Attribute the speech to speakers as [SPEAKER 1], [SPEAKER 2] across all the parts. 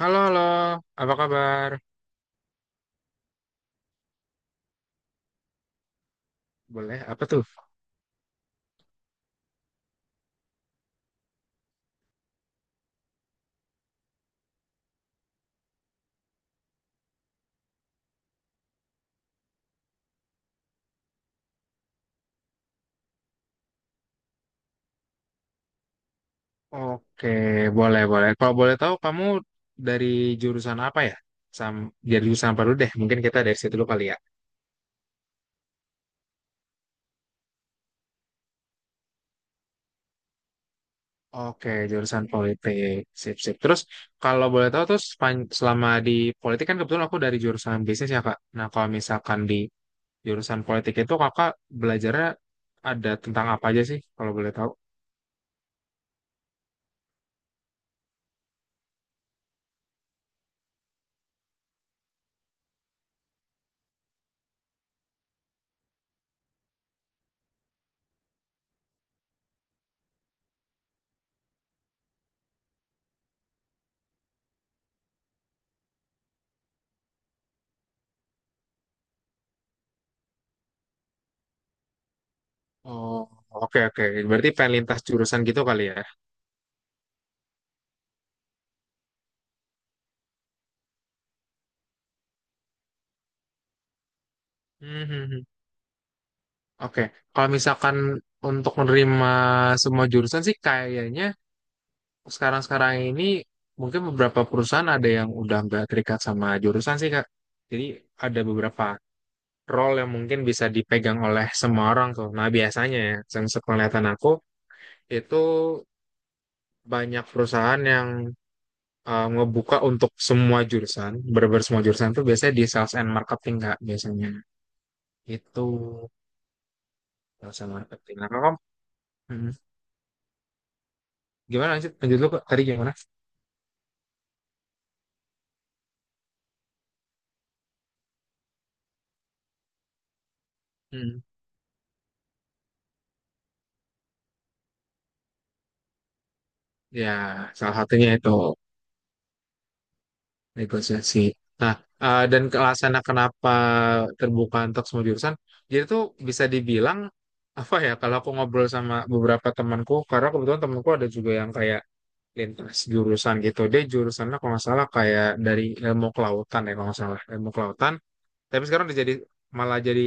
[SPEAKER 1] Halo, halo. Apa kabar? Boleh, apa tuh? Oke, boleh, boleh. Kalau boleh tahu, kamu dari jurusan apa ya? Sam, dari jurusan apa dulu deh? Mungkin kita dari situ dulu kali ya. Oke, jurusan politik. Sip, sip. Terus, kalau boleh tahu, selama di politik kan kebetulan aku dari jurusan bisnis ya, Kak. Nah, kalau misalkan di jurusan politik itu, Kakak belajarnya ada tentang apa aja sih, kalau boleh tahu? Oh, oke, oke. Berarti pengen lintas jurusan gitu kali ya? Mhm. Oke, kalau misalkan untuk menerima semua jurusan sih kayaknya sekarang-sekarang ini mungkin beberapa perusahaan ada yang udah nggak terikat sama jurusan sih, Kak. Jadi ada beberapa role yang mungkin bisa dipegang oleh semua orang tuh. Nah, biasanya ya, yang sepenglihatan aku itu banyak perusahaan yang ngebuka untuk semua jurusan, bener semua jurusan tuh biasanya di sales and marketing, Kak, biasanya. Itu sales and marketing. Nah, Kak, hmm, gimana lanjut? Lanjut dulu Kak, tadi gimana? Hmm, ya, salah satunya itu negosiasi. Nah, dan ke alasannya kenapa terbuka untuk semua jurusan, jadi tuh bisa dibilang apa ya? Kalau aku ngobrol sama beberapa temanku, karena kebetulan temanku ada juga yang kayak lintas jurusan gitu. Dia jurusannya kalau nggak salah kayak dari ilmu kelautan, ya kalau nggak salah ilmu kelautan. Tapi sekarang dia jadi malah jadi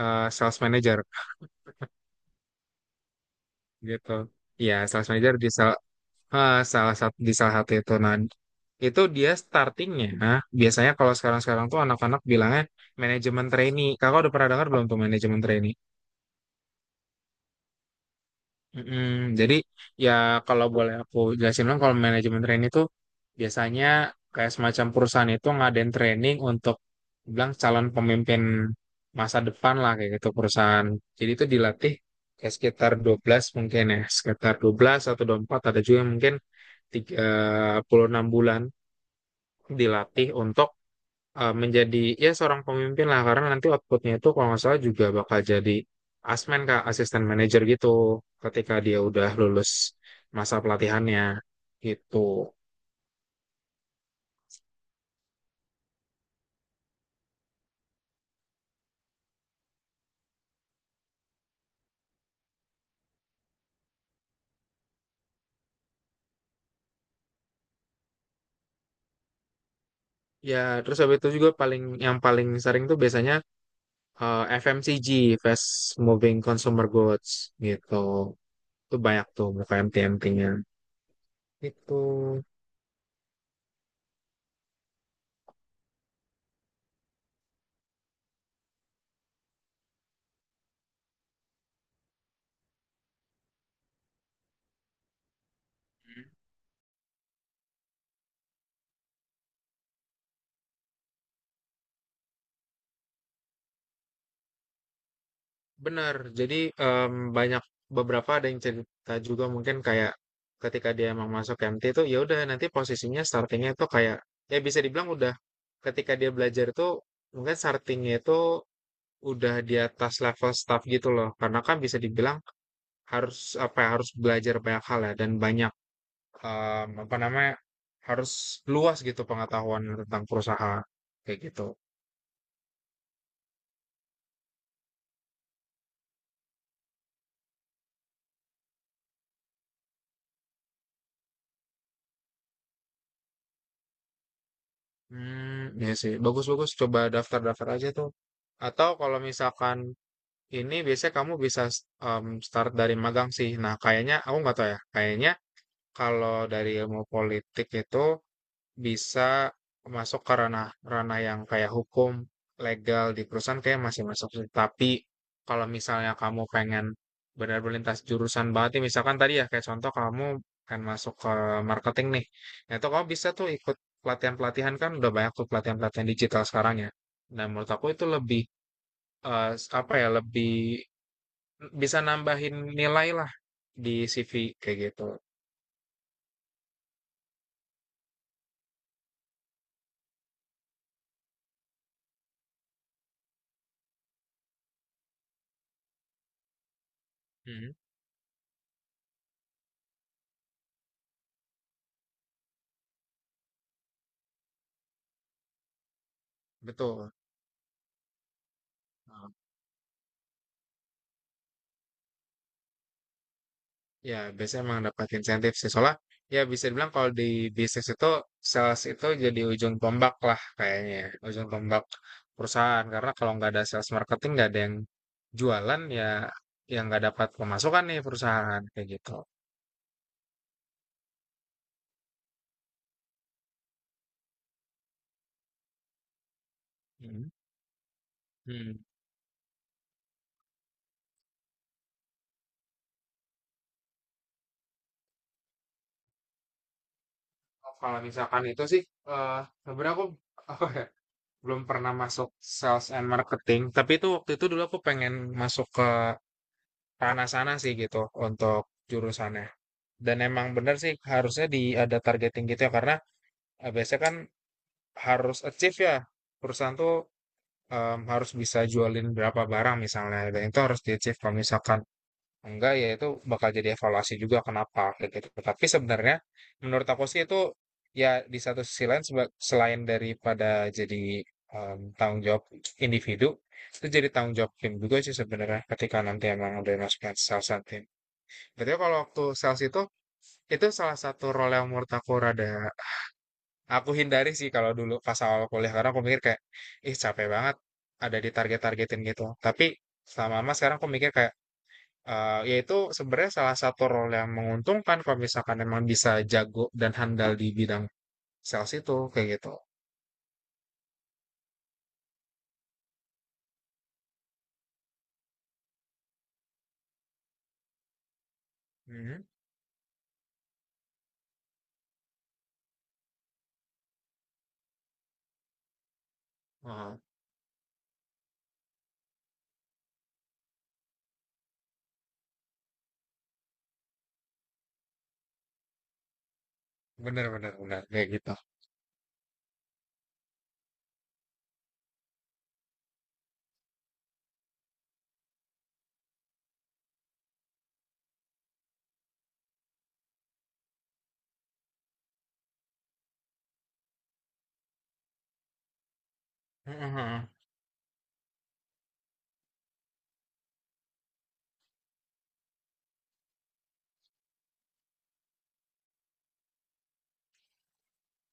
[SPEAKER 1] sales manager gitu. Iya, sales manager di salah satu itu. Nah, itu dia startingnya. Nah, biasanya kalau sekarang-sekarang tuh anak-anak bilangnya manajemen trainee. Kakak udah pernah dengar belum tuh, manajemen trainee? Mm-mm. Jadi, ya, kalau boleh aku jelasin dong, kalau manajemen training itu biasanya kayak semacam perusahaan itu ngadain training untuk bilang calon pemimpin masa depan lah kayak gitu perusahaan. Jadi itu dilatih kayak sekitar 12 mungkin ya, sekitar 12 atau 24, ada juga yang mungkin puluh enam bulan dilatih untuk menjadi ya seorang pemimpin lah, karena nanti outputnya itu kalau nggak salah juga bakal jadi asmen, Kak, asisten manajer gitu ketika dia udah lulus masa pelatihannya gitu. Ya, terus habis itu juga paling yang paling sering tuh biasanya FMCG, Fast Moving Consumer Goods, gitu. Itu banyak tuh muka MT-MT-nya itu. Benar, jadi, banyak, beberapa ada yang cerita juga mungkin kayak ketika dia emang masuk MT itu ya udah nanti posisinya startingnya itu kayak, ya bisa dibilang udah, ketika dia belajar itu mungkin startingnya itu udah di atas level staff gitu loh. Karena kan bisa dibilang harus apa ya, harus belajar banyak hal ya, dan banyak, apa namanya, harus luas gitu pengetahuan tentang perusahaan kayak gitu. Hmm, ya sih, bagus bagus, coba daftar-daftar aja tuh. Atau kalau misalkan, ini biasanya kamu bisa start dari magang sih. Nah, kayaknya aku nggak tahu ya. Kayaknya kalau dari ilmu politik itu bisa masuk ke ranah ranah yang kayak hukum legal di perusahaan kayak masih masuk sih. Tapi kalau misalnya kamu pengen benar-benar lintas jurusan banget nih, misalkan tadi ya kayak contoh kamu pengen masuk ke marketing nih. Nah, itu kamu bisa tuh ikut pelatihan-pelatihan, kan udah banyak tuh pelatihan-pelatihan digital sekarang ya. Dan menurut aku itu lebih, eh, apa ya, lebih bisa nambahin nilai lah di CV kayak gitu. Mhm. Betul. Heeh. Ya, biasanya emang dapat insentif sih. Soalnya ya bisa dibilang kalau di bisnis itu sales itu jadi ujung tombak lah kayaknya ya, ujung tombak perusahaan. Karena kalau nggak ada sales marketing, nggak ada yang jualan ya, yang nggak dapat pemasukan nih perusahaan kayak gitu. Mhm. Mhm. Oh, kalau misalkan itu sih, eh sebenarnya aku belum pernah masuk sales and marketing, tapi itu waktu itu dulu aku pengen masuk ke ranah sana sih gitu untuk jurusannya. Dan emang bener sih, harusnya di ada targeting gitu ya, karena biasanya kan harus achieve ya perusahaan tuh, harus bisa jualin berapa barang misalnya, dan itu harus di achieve kalau misalkan enggak, ya itu bakal jadi evaluasi juga, kenapa kayak gitu. Tapi sebenarnya menurut aku sih itu, ya, di satu sisi lain, selain daripada jadi tanggung jawab individu, itu jadi tanggung jawab tim juga sih sebenarnya, ketika nanti emang udah masuk ke sales and team. Berarti kalau waktu sales itu salah satu role yang menurut aku rada aku hindari sih kalau dulu pas awal kuliah, karena aku mikir kayak ih, capek banget ada ditarget targetin gitu. Tapi selama lama sekarang aku mikir kayak, yaitu sebenarnya salah satu role yang menguntungkan kalau misalkan emang bisa jago dan handal di bidang sales itu kayak gitu. Hmm. Oh, bener bener bener kayak gitu. Mhm.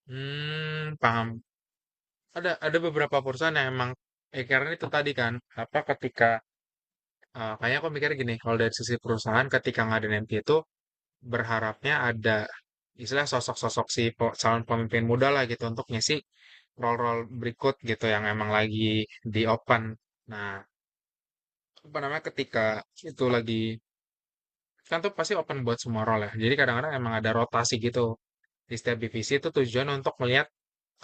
[SPEAKER 1] Hmm, paham. Ada beberapa perusahaan yang emang, karena itu tadi kan, apa, ketika, kayaknya aku mikir gini, kalau dari sisi perusahaan ketika ngadain MT itu berharapnya ada istilah sosok-sosok, calon pemimpin muda lah gitu untuk ngisi role-role berikut gitu yang emang lagi di open. Nah, apa namanya, ketika itu lagi, kan tuh pasti open buat semua role ya. Jadi kadang-kadang emang ada rotasi gitu di setiap divisi itu, tujuan untuk melihat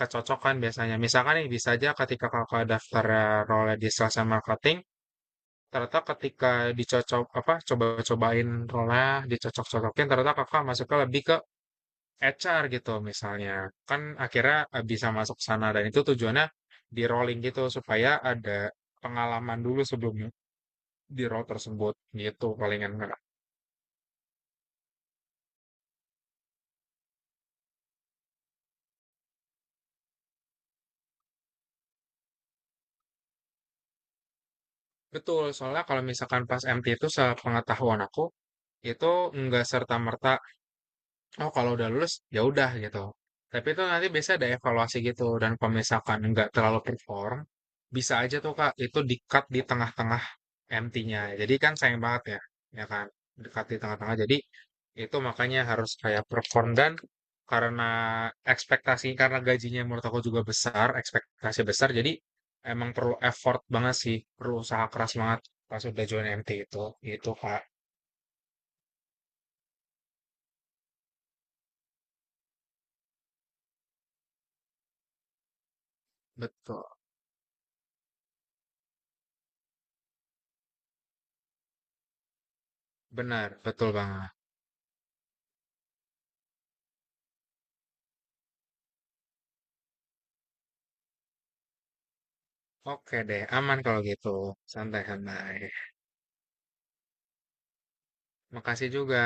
[SPEAKER 1] kecocokan biasanya. Misalkan nih, bisa aja ketika kakak daftar role di sales and marketing, ternyata ketika dicocok apa coba-cobain role, dicocok-cocokin ternyata kakak masuknya lebih ke HR gitu misalnya. Kan akhirnya bisa masuk sana, dan itu tujuannya di rolling gitu supaya ada pengalaman dulu sebelum di role tersebut gitu, palingan, Kak. Betul, soalnya kalau misalkan pas MT itu sepengetahuan aku, itu nggak serta-merta, oh, kalau udah lulus ya udah gitu. Tapi itu nanti biasa ada evaluasi gitu, dan kalau misalkan nggak terlalu perform, bisa aja tuh, Kak, itu di-cut di tengah-tengah MT-nya. Jadi kan sayang banget ya, ya kan? Di-cut di tengah-tengah. Jadi itu makanya harus kayak perform, dan karena ekspektasi, karena gajinya menurut aku juga besar, ekspektasi besar. Jadi emang perlu effort banget sih, perlu usaha keras banget pas udah join MT itu. Itu, Kak. Betul. Benar, betul banget. Oke deh, aman kalau gitu. Santai-santai. Makasih juga.